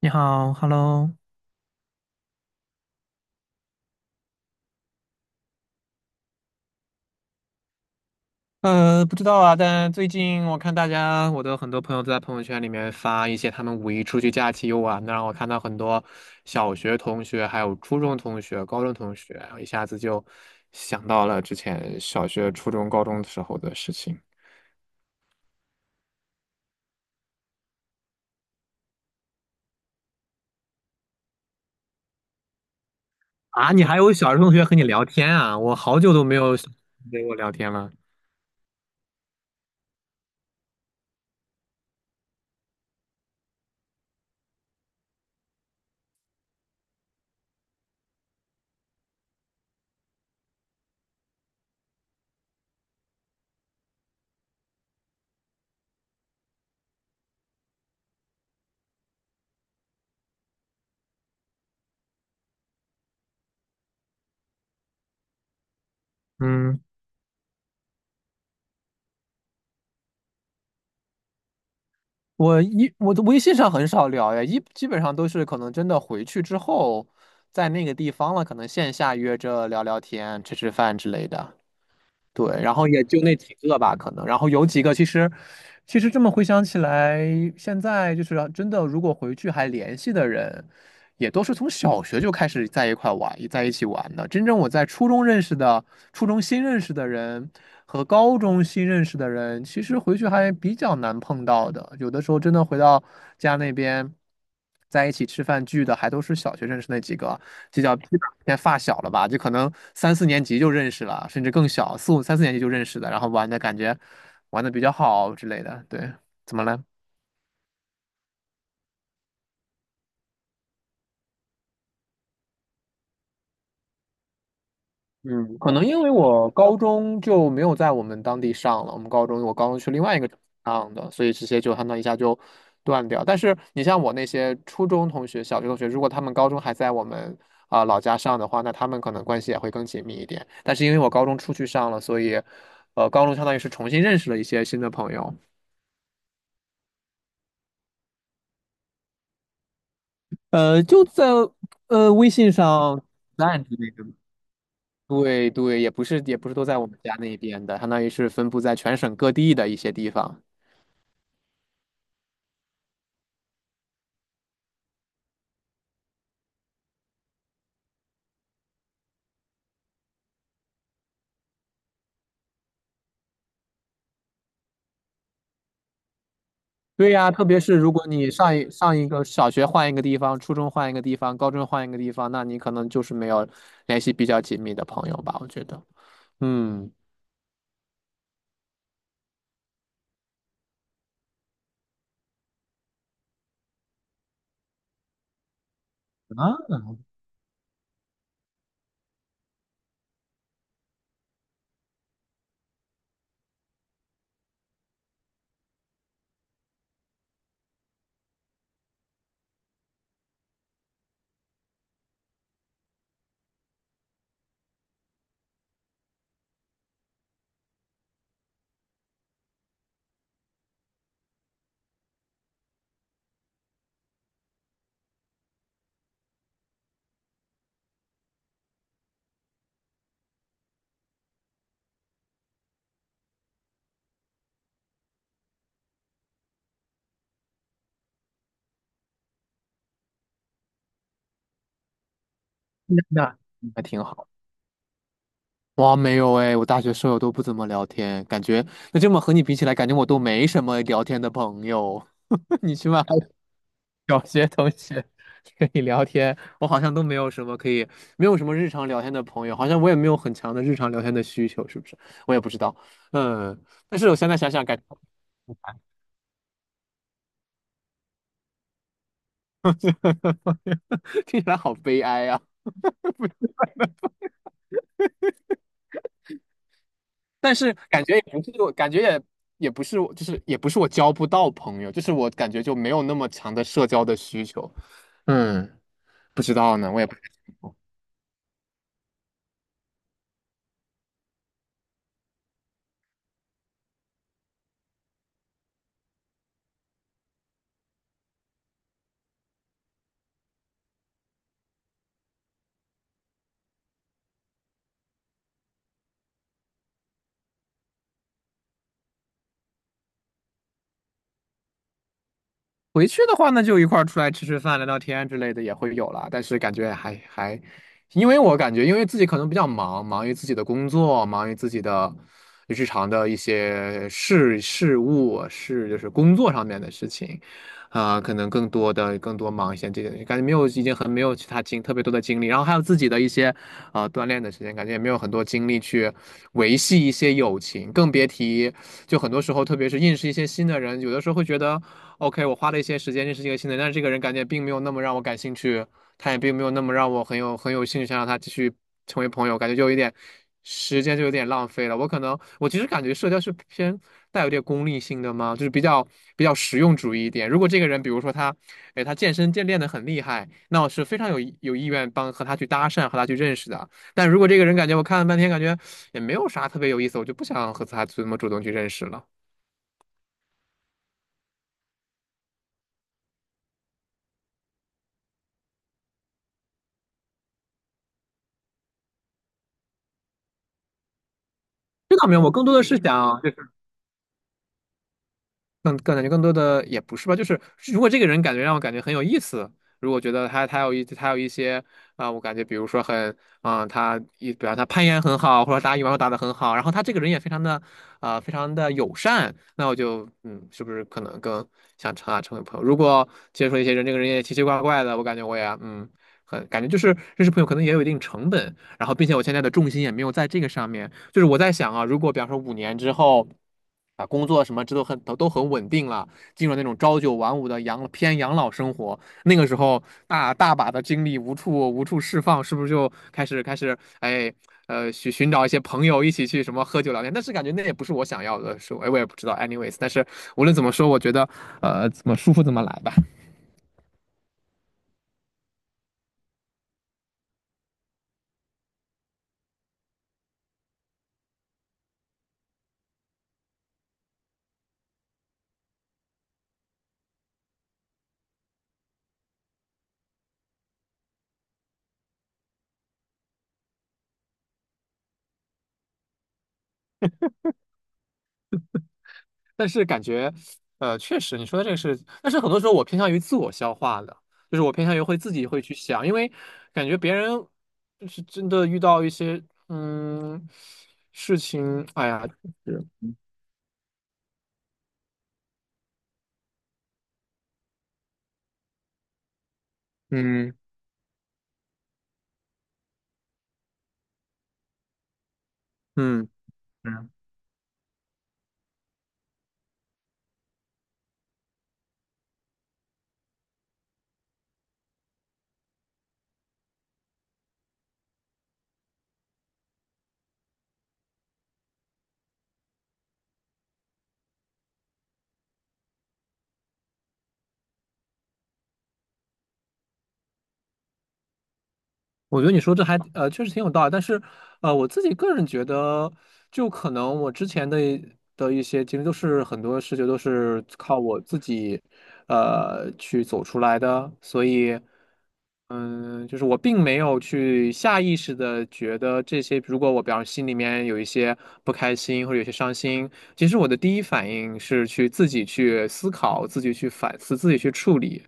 你好，Hello。不知道啊，但最近我看大家，我的很多朋友都在朋友圈里面发一些他们五一出去假期游玩的，让我看到很多小学同学、还有初中同学、高中同学，一下子就想到了之前小学、初中、高中的时候的事情。啊，你还有小学同学和你聊天啊？我好久都没有小学同学跟我聊天了。嗯。我的微信上很少聊呀，基本上都是可能真的回去之后，在那个地方了，可能线下约着聊聊天、吃吃饭之类的。对，然后也就那几个吧，可能，然后有几个其实，其实这么回想起来，现在就是真的，如果回去还联系的人。也都是从小学就开始在一块玩，在一起玩的。真正我在初中认识的、初中新认识的人和高中新认识的人，其实回去还比较难碰到的。有的时候真的回到家那边，在一起吃饭聚的，还都是小学认识那几个，就叫基本偏发小了吧，就可能三四年级就认识了，甚至更小，四五三四年级就认识的，然后玩的比较好之类的。对，怎么了？嗯，可能因为我高中就没有在我们当地上了，我高中去另外一个城市上的，所以这些就相当于一下就断掉。但是你像我那些初中同学、小学同学，如果他们高中还在我们啊、老家上的话，那他们可能关系也会更紧密一点。但是因为我高中出去上了，所以高中相当于是重新认识了一些新的朋友。就在微信上。对，也不是都在我们家那边的，相当于是分布在全省各地的一些地方。对呀，特别是如果你上一个小学换一个地方，初中换一个地方，高中换一个地方，那你可能就是没有联系比较紧密的朋友吧，我觉得。嗯，啊，那还挺好。哇，没有哎，我大学舍友都不怎么聊天，感觉那这么和你比起来，感觉我都没什么聊天的朋友。你起码小学同学可以聊天，我好像都没有什么可以，没有什么日常聊天的朋友，好像我也没有很强的日常聊天的需求，是不是？我也不知道，嗯，但是我现在想想，感觉 听起来好悲哀啊。但是感觉也不是我，感觉也也不是我就是也不是我交不到朋友，就是我感觉就没有那么强的社交的需求。嗯，不知道呢，我也不太清楚。回去的话，呢，就一块儿出来吃吃饭、聊聊天之类的也会有了，但是感觉，因为我感觉，因为自己可能比较忙，忙于自己的工作，忙于自己的日常的一些事务，是就是工作上面的事情，啊、可能更多忙一些这个，感觉没有已经很没有其他精特别多的精力，然后还有自己的一些啊、锻炼的时间，感觉也没有很多精力去维系一些友情，更别提就很多时候，特别是认识一些新的人，有的时候会觉得。OK，我花了一些时间认识一个新的人，但是这个人感觉并没有那么让我感兴趣，他也并没有那么让我很有兴趣，想让他继续成为朋友，感觉就有一点时间就有点浪费了。我可能我其实感觉社交是偏带有点功利性的嘛，就是比较实用主义一点。如果这个人比如说他，哎，他健练的很厉害，那我是非常有意愿帮和他去搭讪，和他去认识的。但如果这个人感觉我看了半天，感觉也没有啥特别有意思，我就不想和他这么主动去认识了。这倒没有，我更多的是想。更更感觉更多的也不是吧，就是如果这个人感觉让我感觉很有意思，如果觉得他有一些啊、我感觉比如说很啊、呃他一比方他攀岩很好，或者打羽毛球打得很好，然后他这个人也非常的啊、非常的友善，那我就嗯，是不是可能更想成为朋友？如果接触一些人，这个人也奇奇怪怪的，我感觉我也嗯很感觉就是认识朋友可能也有一定成本，然后并且我现在的重心也没有在这个上面，就是我在想啊，如果比方说五年之后。啊，工作什么这都很稳定了，进入那种朝九晚五的养老生活，那个时候大大把的精力无处释放，是不是就开始哎寻找一些朋友一起去什么喝酒聊天？但是感觉那也不是我想要的，是我哎我也不知道，anyways，但是无论怎么说，我觉得怎么舒服怎么来吧。但是感觉，确实你说的这个是，但是很多时候我偏向于自我消化的，就是我偏向于会自己会去想，因为感觉别人就是真的遇到一些嗯事情，哎呀，嗯嗯嗯，我觉得你说这还确实挺有道理，但是我自己个人觉得，就可能我之前的一些经历都是很多事情都是靠我自己去走出来的，所以。嗯，就是我并没有去下意识的觉得这些，如果我比方心里面有一些不开心或者有些伤心，其实我的第一反应是去自己去思考、自己去反思、自己去处理。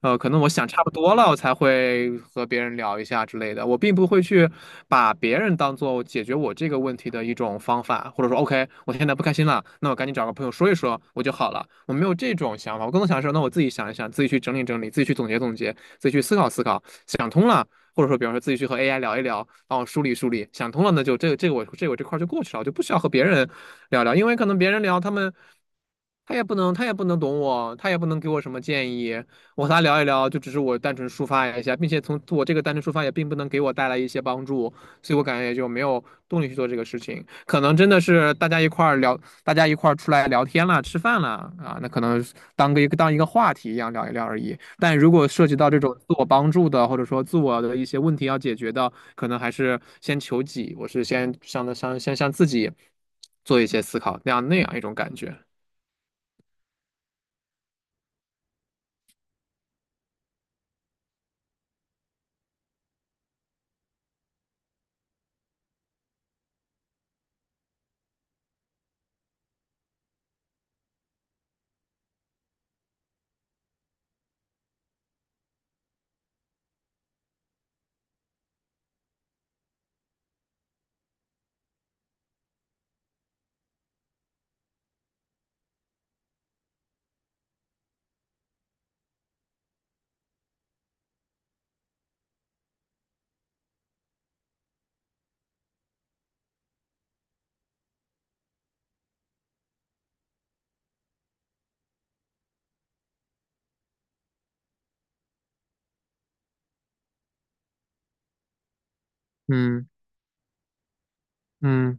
可能我想差不多了，我才会和别人聊一下之类的。我并不会去把别人当做解决我这个问题的一种方法，或者说，OK，我现在不开心了，那我赶紧找个朋友说一说，我就好了。我没有这种想法，我更多想是，那我自己想一想，自己去整理整理，自己去总结总结。自己去思考思考，想通了，或者说比方说自己去和 AI 聊一聊，帮我梳理梳理，想通了，那就这个这个我这个我这块儿就过去了，我就不需要和别人聊聊，因为可能别人聊他们。他也不能懂我，他也不能给我什么建议。我和他聊一聊，就只是我单纯抒发一下，并且从我这个单纯抒发也并不能给我带来一些帮助，所以我感觉也就没有动力去做这个事情。可能真的是大家一块儿聊，大家一块儿出来聊天了，吃饭了啊，那可能当一个话题一样聊一聊而已。但如果涉及到这种自我帮助的，或者说自我的一些问题要解决的，可能还是先求己，我是先向的向先向自己做一些思考，那样一种感觉。嗯嗯。